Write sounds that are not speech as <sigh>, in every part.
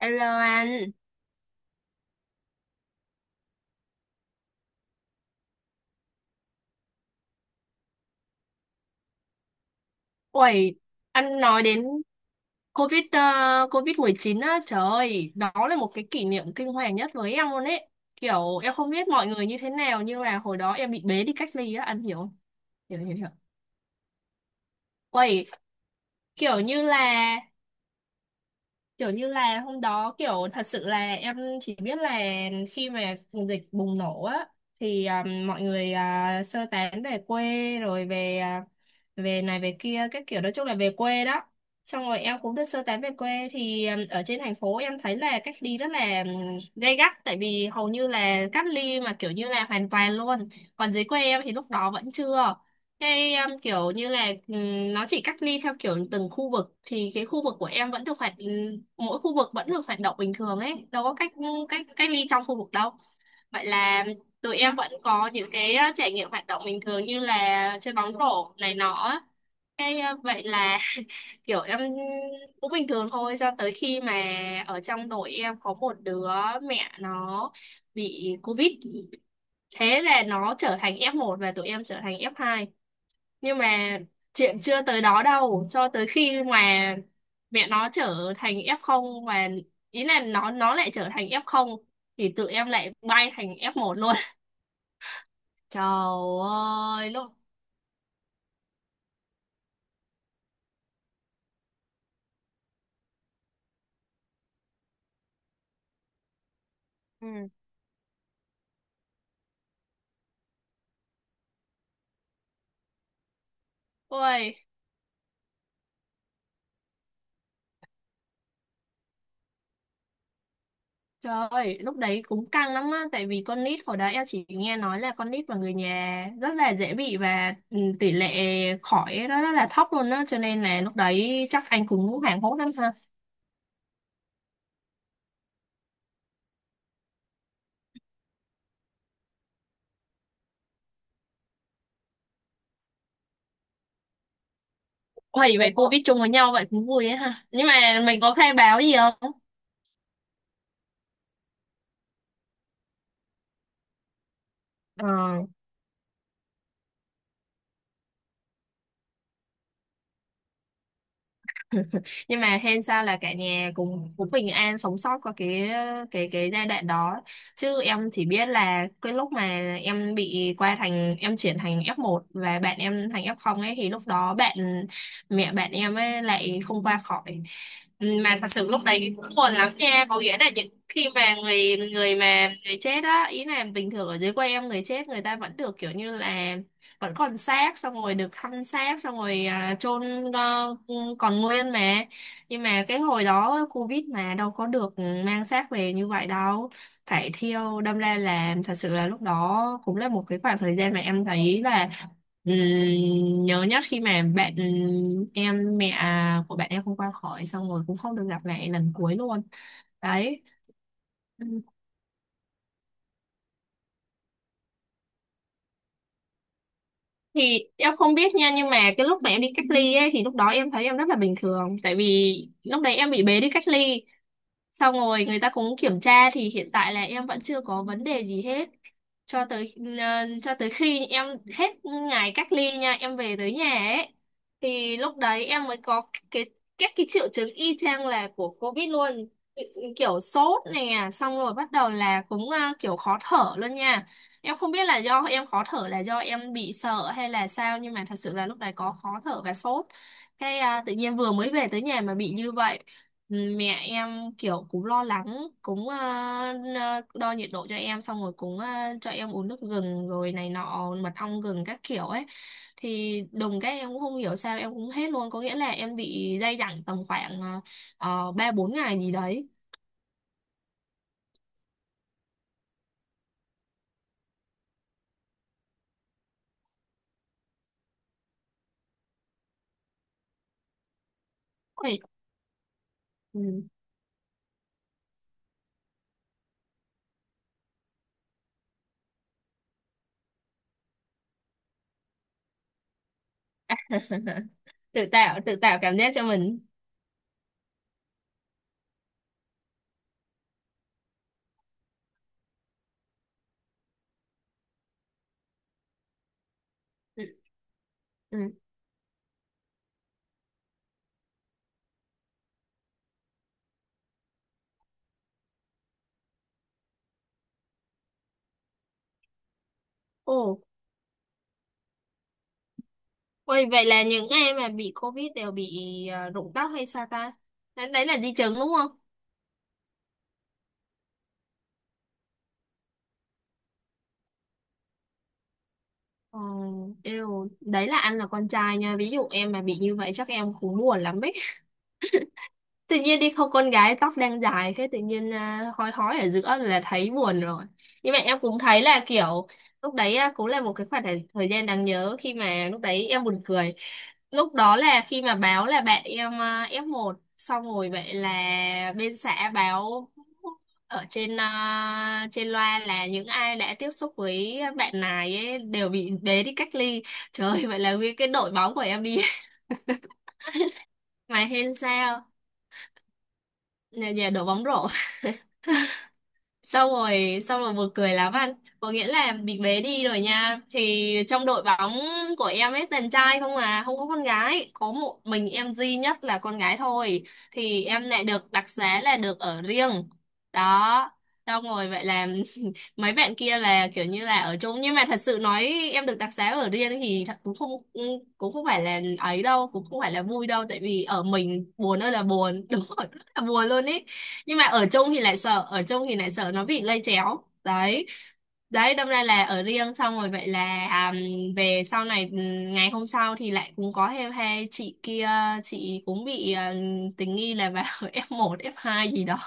Hello anh. Uầy, anh nói đến COVID-19 á, trời ơi, đó là một cái kỷ niệm kinh hoàng nhất với em luôn ấy. Kiểu em không biết mọi người như thế nào nhưng là hồi đó em bị bế đi cách ly á, anh hiểu không? Hiểu hiểu hiểu. Uầy, kiểu như là kiểu như là hôm đó kiểu thật sự là em chỉ biết là khi mà dịch bùng nổ á, thì mọi người sơ tán về quê, rồi về về này về kia, các kiểu nói chung là về quê đó. Xong rồi em cũng được sơ tán về quê, thì ở trên thành phố em thấy là cách ly rất là gay gắt, tại vì hầu như là cách ly mà kiểu như là hoàn toàn luôn. Còn dưới quê em thì lúc đó vẫn chưa, cái kiểu như là nó chỉ cách ly theo kiểu từng khu vực, thì cái khu vực của em vẫn được hoạt, mỗi khu vực vẫn được hoạt động bình thường ấy, đâu có cách cách cách ly trong khu vực đâu. Vậy là tụi em vẫn có những cái trải nghiệm hoạt động bình thường như là chơi bóng rổ này nọ á. Cái vậy là <laughs> kiểu em cũng bình thường thôi cho tới khi mà ở trong đội em có một đứa mẹ nó bị covid. Thế là nó trở thành F1 và tụi em trở thành F2, nhưng mà chuyện chưa tới đó đâu, cho tới khi mà mẹ nó trở thành F0, và ý là nó lại trở thành F0, thì tụi em lại bay thành F1 luôn. <laughs> trời ơi lúc Ừ. Ôi trời ơi lúc đấy cũng căng lắm á, tại vì con nít hồi đó em chỉ nghe nói là con nít và người nhà rất là dễ bị, và tỷ lệ khỏi nó rất là thấp luôn á, cho nên là lúc đấy chắc anh cũng hoảng hốt lắm. Hoài, vậy cô biết chung với nhau vậy cũng vui ấy ha. Nhưng mà mình có khai báo gì không? Ờ. <laughs> Nhưng mà hên sao là cả nhà cũng cũng bình an sống sót qua cái giai đoạn đó. Chứ em chỉ biết là cái lúc mà em bị qua thành, em chuyển thành F1 và bạn em thành F0 ấy, thì lúc đó mẹ bạn em ấy lại không qua khỏi. Ừ, mà thật sự lúc đấy cũng buồn lắm nha, có nghĩa là những khi mà người người mà người chết á, ý là bình thường ở dưới quê em người chết người ta vẫn được kiểu như là vẫn còn xác, xong rồi được thăm xác, xong rồi chôn còn nguyên, mà nhưng mà cái hồi đó Covid mà đâu có được mang xác về như vậy đâu, phải thiêu. Đâm ra là thật sự là lúc đó cũng là một cái khoảng thời gian mà em thấy là ừm, nhớ nhất, khi mà bạn em mẹ à, của bạn em không qua khỏi, xong rồi cũng không được gặp lại lần cuối luôn đấy. Thì em không biết nha, nhưng mà cái lúc mà em đi cách ly ấy, thì lúc đó em thấy em rất là bình thường, tại vì lúc đấy em bị bế đi cách ly, xong rồi người ta cũng kiểm tra thì hiện tại là em vẫn chưa có vấn đề gì hết, cho tới cho tới khi em hết ngày cách ly nha, em về tới nhà ấy, thì lúc đấy em mới có cái, các cái triệu chứng y chang là của COVID luôn, kiểu sốt nè, xong rồi bắt đầu là cũng kiểu khó thở luôn nha. Em không biết là do em khó thở là do em bị sợ hay là sao, nhưng mà thật sự là lúc đấy có khó thở và sốt, cái tự nhiên vừa mới về tới nhà mà bị như vậy. Ừ, mẹ em kiểu cũng lo lắng, cũng đo nhiệt độ cho em, xong rồi cũng cho em uống nước gừng rồi này nọ, mật ong gừng các kiểu ấy, thì đùng cái em cũng không hiểu sao em cũng hết luôn, có nghĩa là em bị day dẳng tầm khoảng ba bốn ngày gì đấy. Ôi. Ừ. <laughs> Tự tạo cảm giác cho mình. Ừ. Ừ. Ồ, ôi vậy là những ai mà bị COVID đều bị rụng tóc hay sao ta? Đấy, đấy là di chứng đúng không? Ờ, yêu. Đấy là anh là con trai nha. Ví dụ em mà bị như vậy chắc em cũng buồn lắm ấy, tự nhiên đi không, con gái tóc đang dài, cái tự nhiên hói hói ở giữa là thấy buồn rồi. Nhưng mà em cũng thấy là kiểu lúc đấy cũng là một cái khoảng thời thời gian đáng nhớ, khi mà lúc đấy em buồn cười, lúc đó là khi mà báo là bạn em F1, xong rồi vậy là bên xã báo ở trên trên loa là những ai đã tiếp xúc với bạn này ấy đều bị bế đi cách ly. Trời ơi, vậy là nguyên cái đội bóng của em đi. <laughs> Mà hên sao, nhà, nhà đội bóng rổ. Sau rồi, xong rồi buồn cười lắm anh. Có nghĩa là bị bế đi rồi nha. Thì trong đội bóng của em ấy toàn trai không không có con gái. Có một mình em duy nhất là con gái thôi. Thì em lại được đặc xá là được ở riêng. Đó. Xong rồi vậy là <laughs> mấy bạn kia là kiểu như là ở chung, nhưng mà thật sự nói em được đặc xá ở riêng thì thật cũng không phải là ấy đâu, cũng không phải là vui đâu, tại vì ở mình buồn ơi là buồn. <laughs> Đúng rồi, rất là buồn luôn ý. Nhưng mà ở chung thì lại sợ ở chung thì lại sợ nó bị lây chéo đấy. Đấy, đâm ra là ở riêng, xong rồi vậy là à, về sau này, ngày hôm sau thì lại cũng có thêm hai chị kia, chị cũng bị tình nghi là vào <laughs> F1 F2 gì đó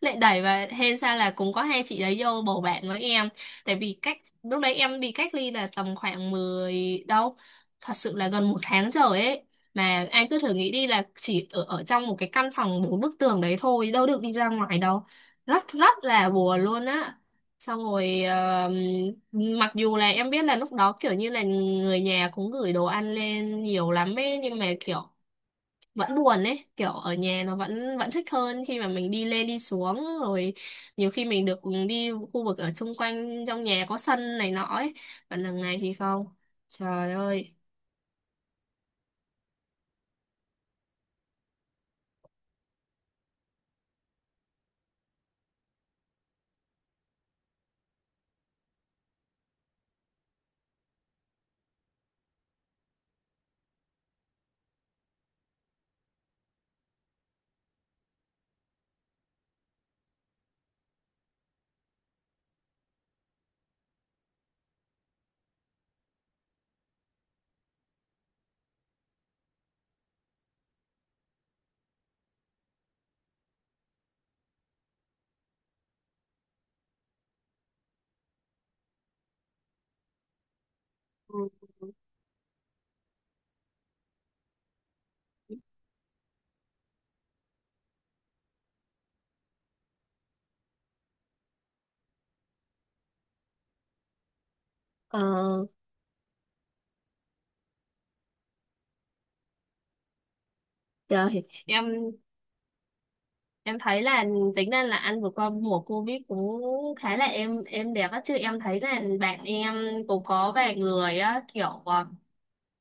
lại đẩy. Và hên sao là cũng có hai chị đấy vô bầu bạn với em, tại vì cách, lúc đấy em bị cách ly là tầm khoảng 10 đâu, thật sự là gần một tháng trời ấy, mà anh cứ thử nghĩ đi là chỉ ở trong một cái căn phòng bốn bức tường đấy thôi, đâu được đi ra ngoài đâu, rất rất là buồn luôn á. Xong rồi mặc dù là em biết là lúc đó kiểu như là người nhà cũng gửi đồ ăn lên nhiều lắm ấy, nhưng mà kiểu vẫn buồn ấy, kiểu ở nhà nó vẫn vẫn thích hơn, khi mà mình đi lên đi xuống rồi, nhiều khi mình được đi khu vực ở xung quanh trong nhà có sân này nọ ấy, còn đằng này thì không, trời ơi. Ờ, trời. Em thấy là tính ra là ăn vừa qua mùa Covid cũng khá là êm êm đẹp á, chứ em thấy là bạn em cũng có vài người á, kiểu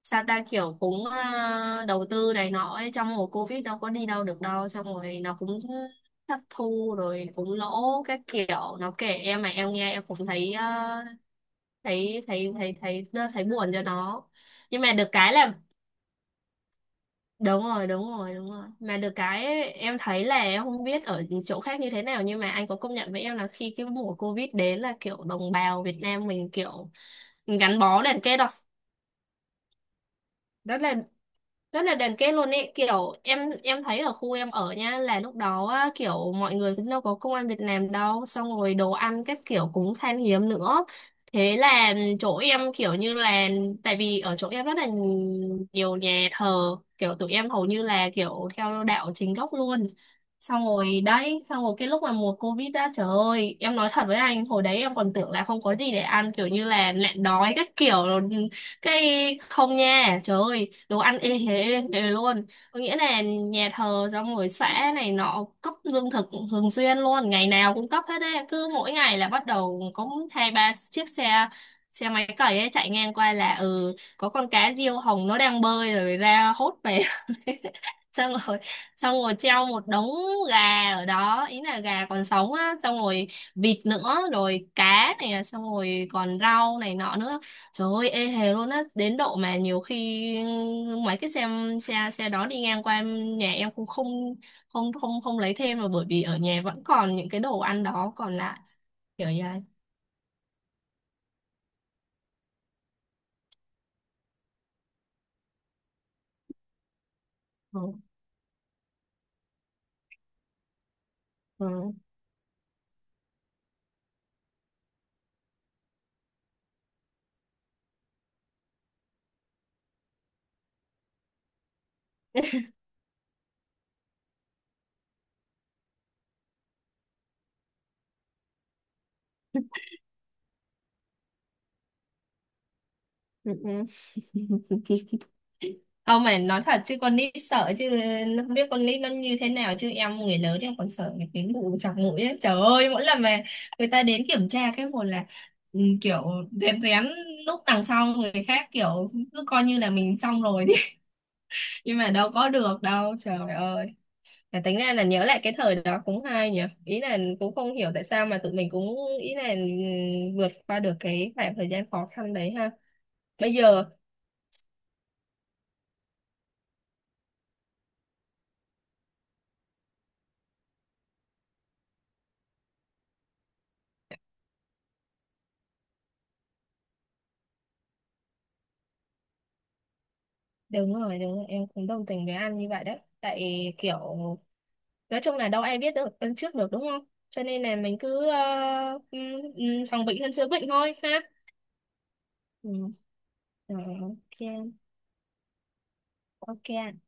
sao ta, kiểu cũng đầu tư này nọ ấy trong mùa Covid, đâu có đi đâu được đâu, xong rồi nó cũng thất thu rồi cũng lỗ các kiểu, nó kể em mà em nghe em cũng thấy thấy buồn cho nó, nhưng mà được cái là đúng rồi đúng rồi đúng rồi, mà được cái ấy, em thấy là em không biết ở chỗ khác như thế nào, nhưng mà anh có công nhận với em là khi cái mùa Covid đến là kiểu đồng bào Việt Nam mình kiểu gắn bó liền kết đâu, rất là rất là đền kết luôn ấy, kiểu em thấy ở khu em ở nha, là lúc đó á, kiểu mọi người cũng đâu có công ăn việc làm đâu, xong rồi đồ ăn các kiểu cũng khan hiếm nữa, thế là chỗ em kiểu như là, tại vì ở chỗ em rất là nhiều nhà thờ, kiểu tụi em hầu như là kiểu theo đạo chính gốc luôn, xong rồi đấy, xong rồi cái lúc mà mùa Covid, đã trời ơi em nói thật với anh hồi đấy em còn tưởng là không có gì để ăn kiểu như là nạn đói các kiểu, cái không nha, trời ơi đồ ăn ê hề, ê hề luôn, có nghĩa là nhà thờ xong rồi xã này nọ cấp lương thực thường xuyên luôn, ngày nào cũng cấp hết đấy, cứ mỗi ngày là bắt đầu có hai ba chiếc xe, xe máy cày ấy chạy ngang qua, là ừ có con cá diêu hồng nó đang bơi rồi ra hốt về. <laughs> Xong rồi, xong rồi treo một đống gà ở đó, ý là gà còn sống á, xong rồi vịt nữa, rồi cá này, xong rồi còn rau này nọ nữa, trời ơi ê hề luôn á, đến độ mà nhiều khi mấy cái xe, xe đó đi ngang qua em- nhà em cũng không không lấy thêm, mà bởi vì ở nhà vẫn còn những cái đồ ăn đó còn lại, kiểu vậy. Ừ. Ừ. Ừ. ừ. ừ. Không, mày nói thật chứ con nít sợ chứ, nó không biết con nít nó như thế nào, chứ em người lớn em còn sợ mấy cái vụ chọc mũi ấy. Trời ơi mỗi lần mà người ta đến kiểm tra cái một là kiểu rén rén lúc đằng sau người khác, kiểu cứ coi như là mình, xong rồi đi. <laughs> Nhưng mà đâu có được đâu, trời ơi. Mà tính ra là nhớ lại cái thời đó cũng hay nhỉ, ý là cũng không hiểu tại sao mà tụi mình cũng, ý là vượt qua được cái khoảng thời gian khó khăn đấy ha. Bây giờ đúng rồi, đúng rồi, em cũng đồng tình với an như vậy đấy. Tại kiểu, nói chung là đâu ai biết được lần trước được đúng không? Cho nên là mình cứ phòng bệnh hơn chữa bệnh thôi ha. Ừ. Rồi, ok, ok.